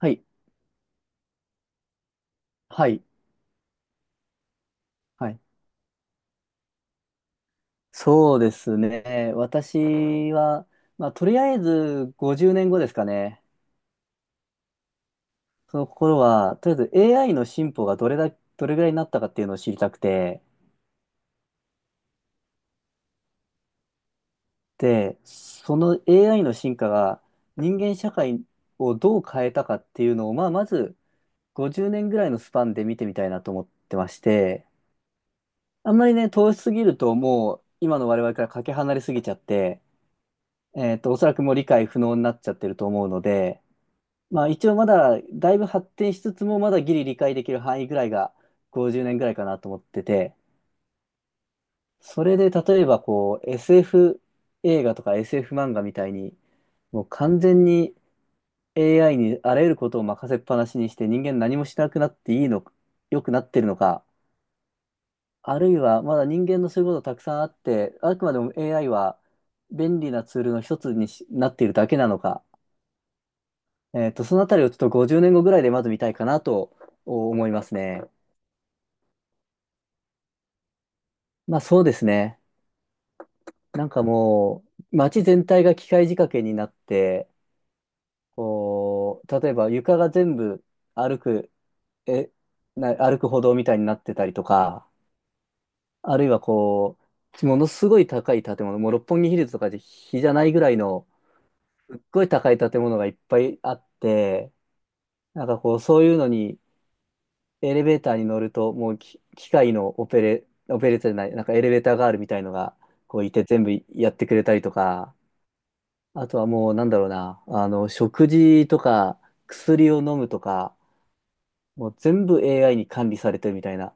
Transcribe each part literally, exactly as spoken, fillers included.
はい、はい、はい。そうですね。私は、まあ、とりあえずごじゅうねんごですかね。その心は、とりあえず エーアイ の進歩がどれだ、どれぐらいになったかっていうのを知りたくて、で、その エーアイ の進化が人間社会をどう変えたかっていうのを、まあ、まずごじゅうねんぐらいのスパンで見てみたいなと思ってまして、あんまりね、遠しすぎるともう今の我々からかけ離れすぎちゃって、えっと、おそらくもう理解不能になっちゃってると思うので、まあ一応まだだいぶ発展しつつもまだギリ理解できる範囲ぐらいがごじゅうねんぐらいかなと思ってて、それで例えばこう エスエフ 映画とか エスエフ 漫画みたいにもう完全に エーアイ にあらゆることを任せっぱなしにして人間何もしなくなっていいの、良くなってるのか、あるいはまだ人間のそういうことたくさんあって、あくまでも エーアイ は便利なツールの一つにしなっているだけなのか、えっと、そのあたりをちょっとごじゅうねんごぐらいでまず見たいかなと思いますね。まあそうですね。なんかもう、街全体が機械仕掛けになって、こう、例えば床が全部歩く、え、な、歩く歩道みたいになってたりとか、あるいはこう、ものすごい高い建物、もう六本木ヒルズとかで比じゃないぐらいの、すっごい高い建物がいっぱいあって、なんかこう、そういうのに、エレベーターに乗ると、もうき機械のオペレ、オペレーターじゃない、なんかエレベーターガールみたいのが、こういて全部やってくれたりとか、あとはもうなんだろうな、あの、食事とか薬を飲むとか、もう全部 エーアイ に管理されてるみたいな、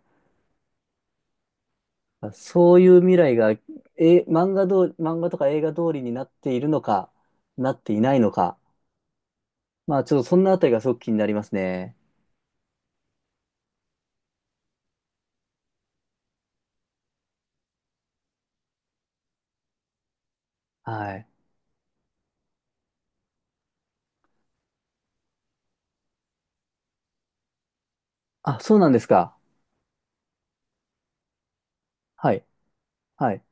そういう未来が、え、漫画ど、漫画とか映画通りになっているのか、なっていないのか。まあちょっとそんなあたりがすごく気になりますね。はい。あ、そうなんですか。はい。はい。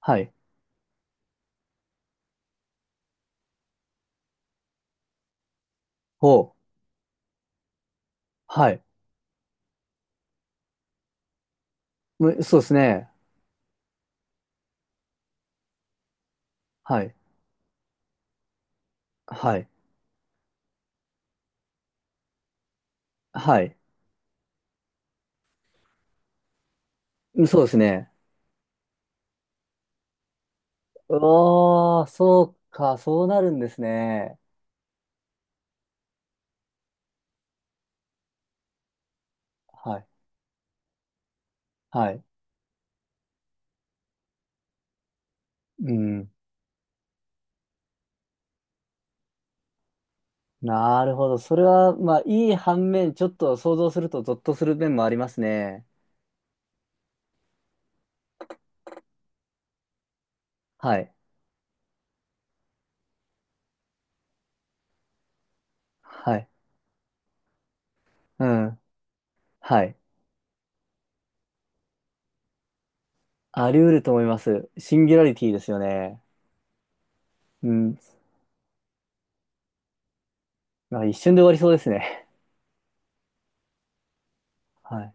はい。ほう。はい。むそうですね。はい。はい。はい。そうですね。うわー、そうか、そうなるんですね。はい。はいうん。なるほど。それは、まあ、いい反面、ちょっと想像するとゾッとする面もありますね。はい。はい。うん。はい。あり得ると思います。シンギュラリティですよね。うん。まあ、一瞬で終わりそうですね。はい。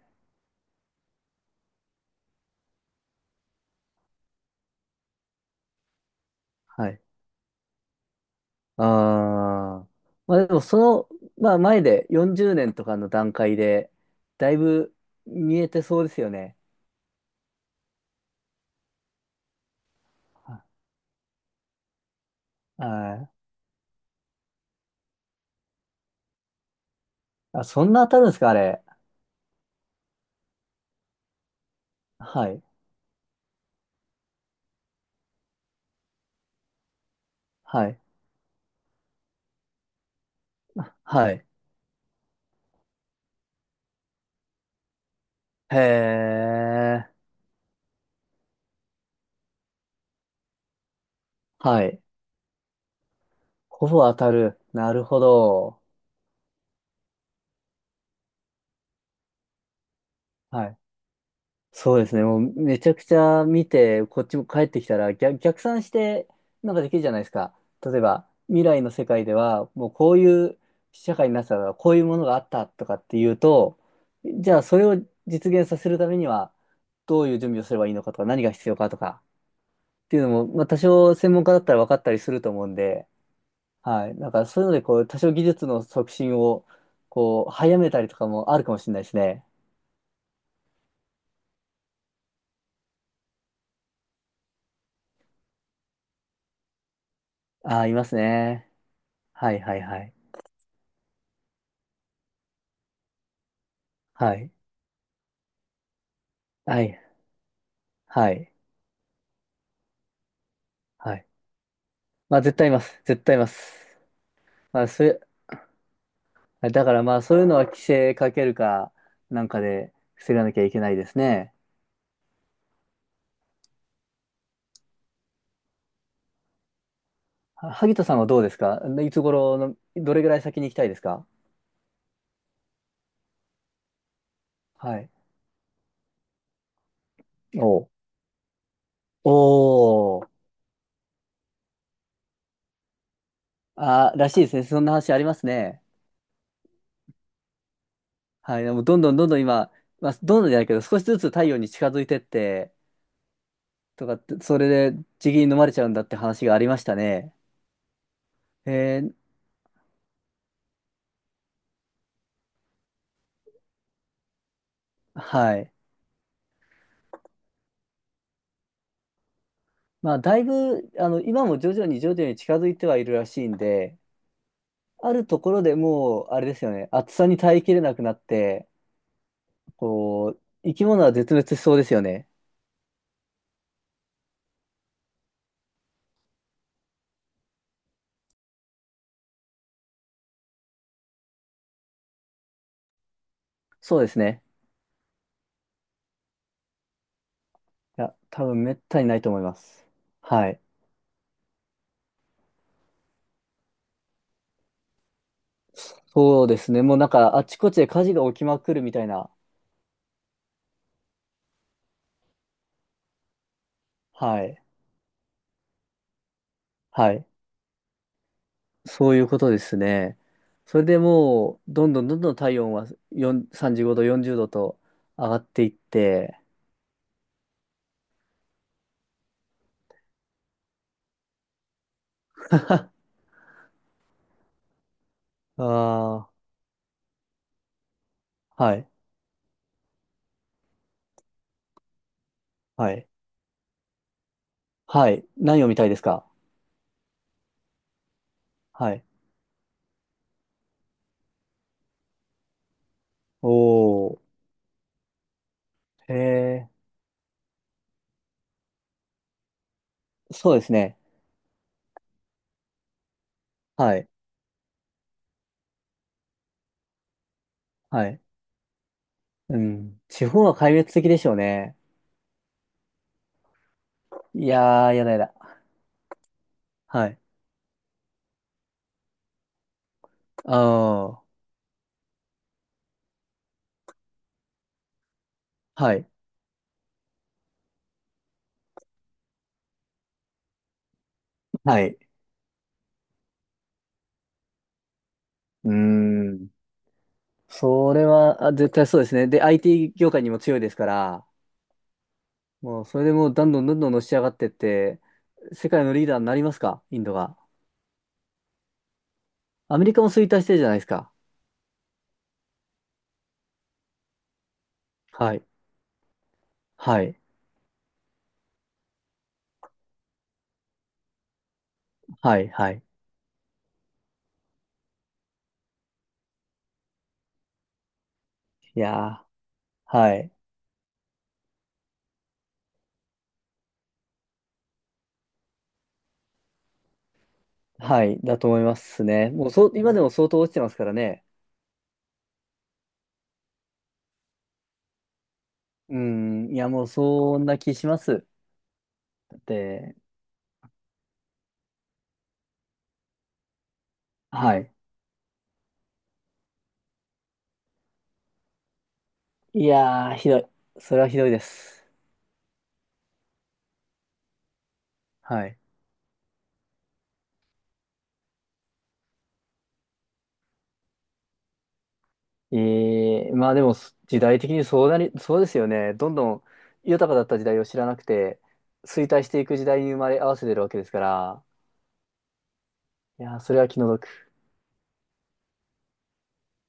はい。ああ。まあ、でも、その、まあ、前でよんじゅうねんとかの段階で、だいぶ見えてそうですよね。はい。ああそんな当たるんですか、あれ。はい。はい。はい。へー。はい。ほぼ当たる。なるほど。はい。そうですね。もうめちゃくちゃ見て、こっちも帰ってきたら逆、逆算してなんかできるじゃないですか。例えば、未来の世界では、もうこういう社会になってたから、こういうものがあったとかっていうと、じゃあそれを実現させるためには、どういう準備をすればいいのかとか、何が必要かとかっていうのも、まあ多少専門家だったら分かったりすると思うんで、はい。なんかそういうので、こう、多少技術の促進を、こう、早めたりとかもあるかもしれないですね。ああ、いますね。はいはいはい。はい。はい。はい。はい。まあ絶対います。絶対います。まあそれ、だからまあそういうのは規制かけるかなんかで防がなきゃいけないですね。は萩田さんはどうですか？いつ頃の、どれぐらい先に行きたいですか？はい。おうおー。ああ、らしいですね。そんな話ありますね。はい。でもどんどんどんどん今、まあどんどんじゃないけど少しずつ太陽に近づいてってとかって、それで地銀に飲まれちゃうんだって話がありましたね。えーはい。まあ、だいぶ、あの、今も徐々に徐々に近づいてはいるらしいんで、あるところでもう、あれですよね、暑さに耐えきれなくなって、こう、生き物は絶滅しそうですよね。そうですね。いや、多分めったにないと思います。はい。そうですね。もうなんか、あちこちで火事が起きまくるみたいな。はい。はい。そういうことですね。それでもう、どんどんどんどん体温はよん さんじゅうごど、よんじゅうどと上がっていって、ああ、はい、はい、はい。何を見たいですか？はい。おー、へえ、そうですね。はい、はい。うん。地方は壊滅的でしょうね。いやー、やだやだ。はい。ああ、はい、はい。うーん。それは、あ、絶対そうですね。で、アイティー 業界にも強いですから、もう、それでもう、どんどんどんどんのし上がってって、世界のリーダーになりますか、インドが？アメリカも衰退してるじゃないですか。はい、はい、はい、はい。いやー。はい。はい。だと思いますね。もうそう、今でも相当落ちてますからね。うん。いや、もうそんな気します。で、はい。いやー、ひどい。それはひどいです。はい。えー、まあでも、す時代的にそうなり、そうですよね。どんどん豊かだった時代を知らなくて、衰退していく時代に生まれ合わせてるわけですから、いやー、それは気の毒。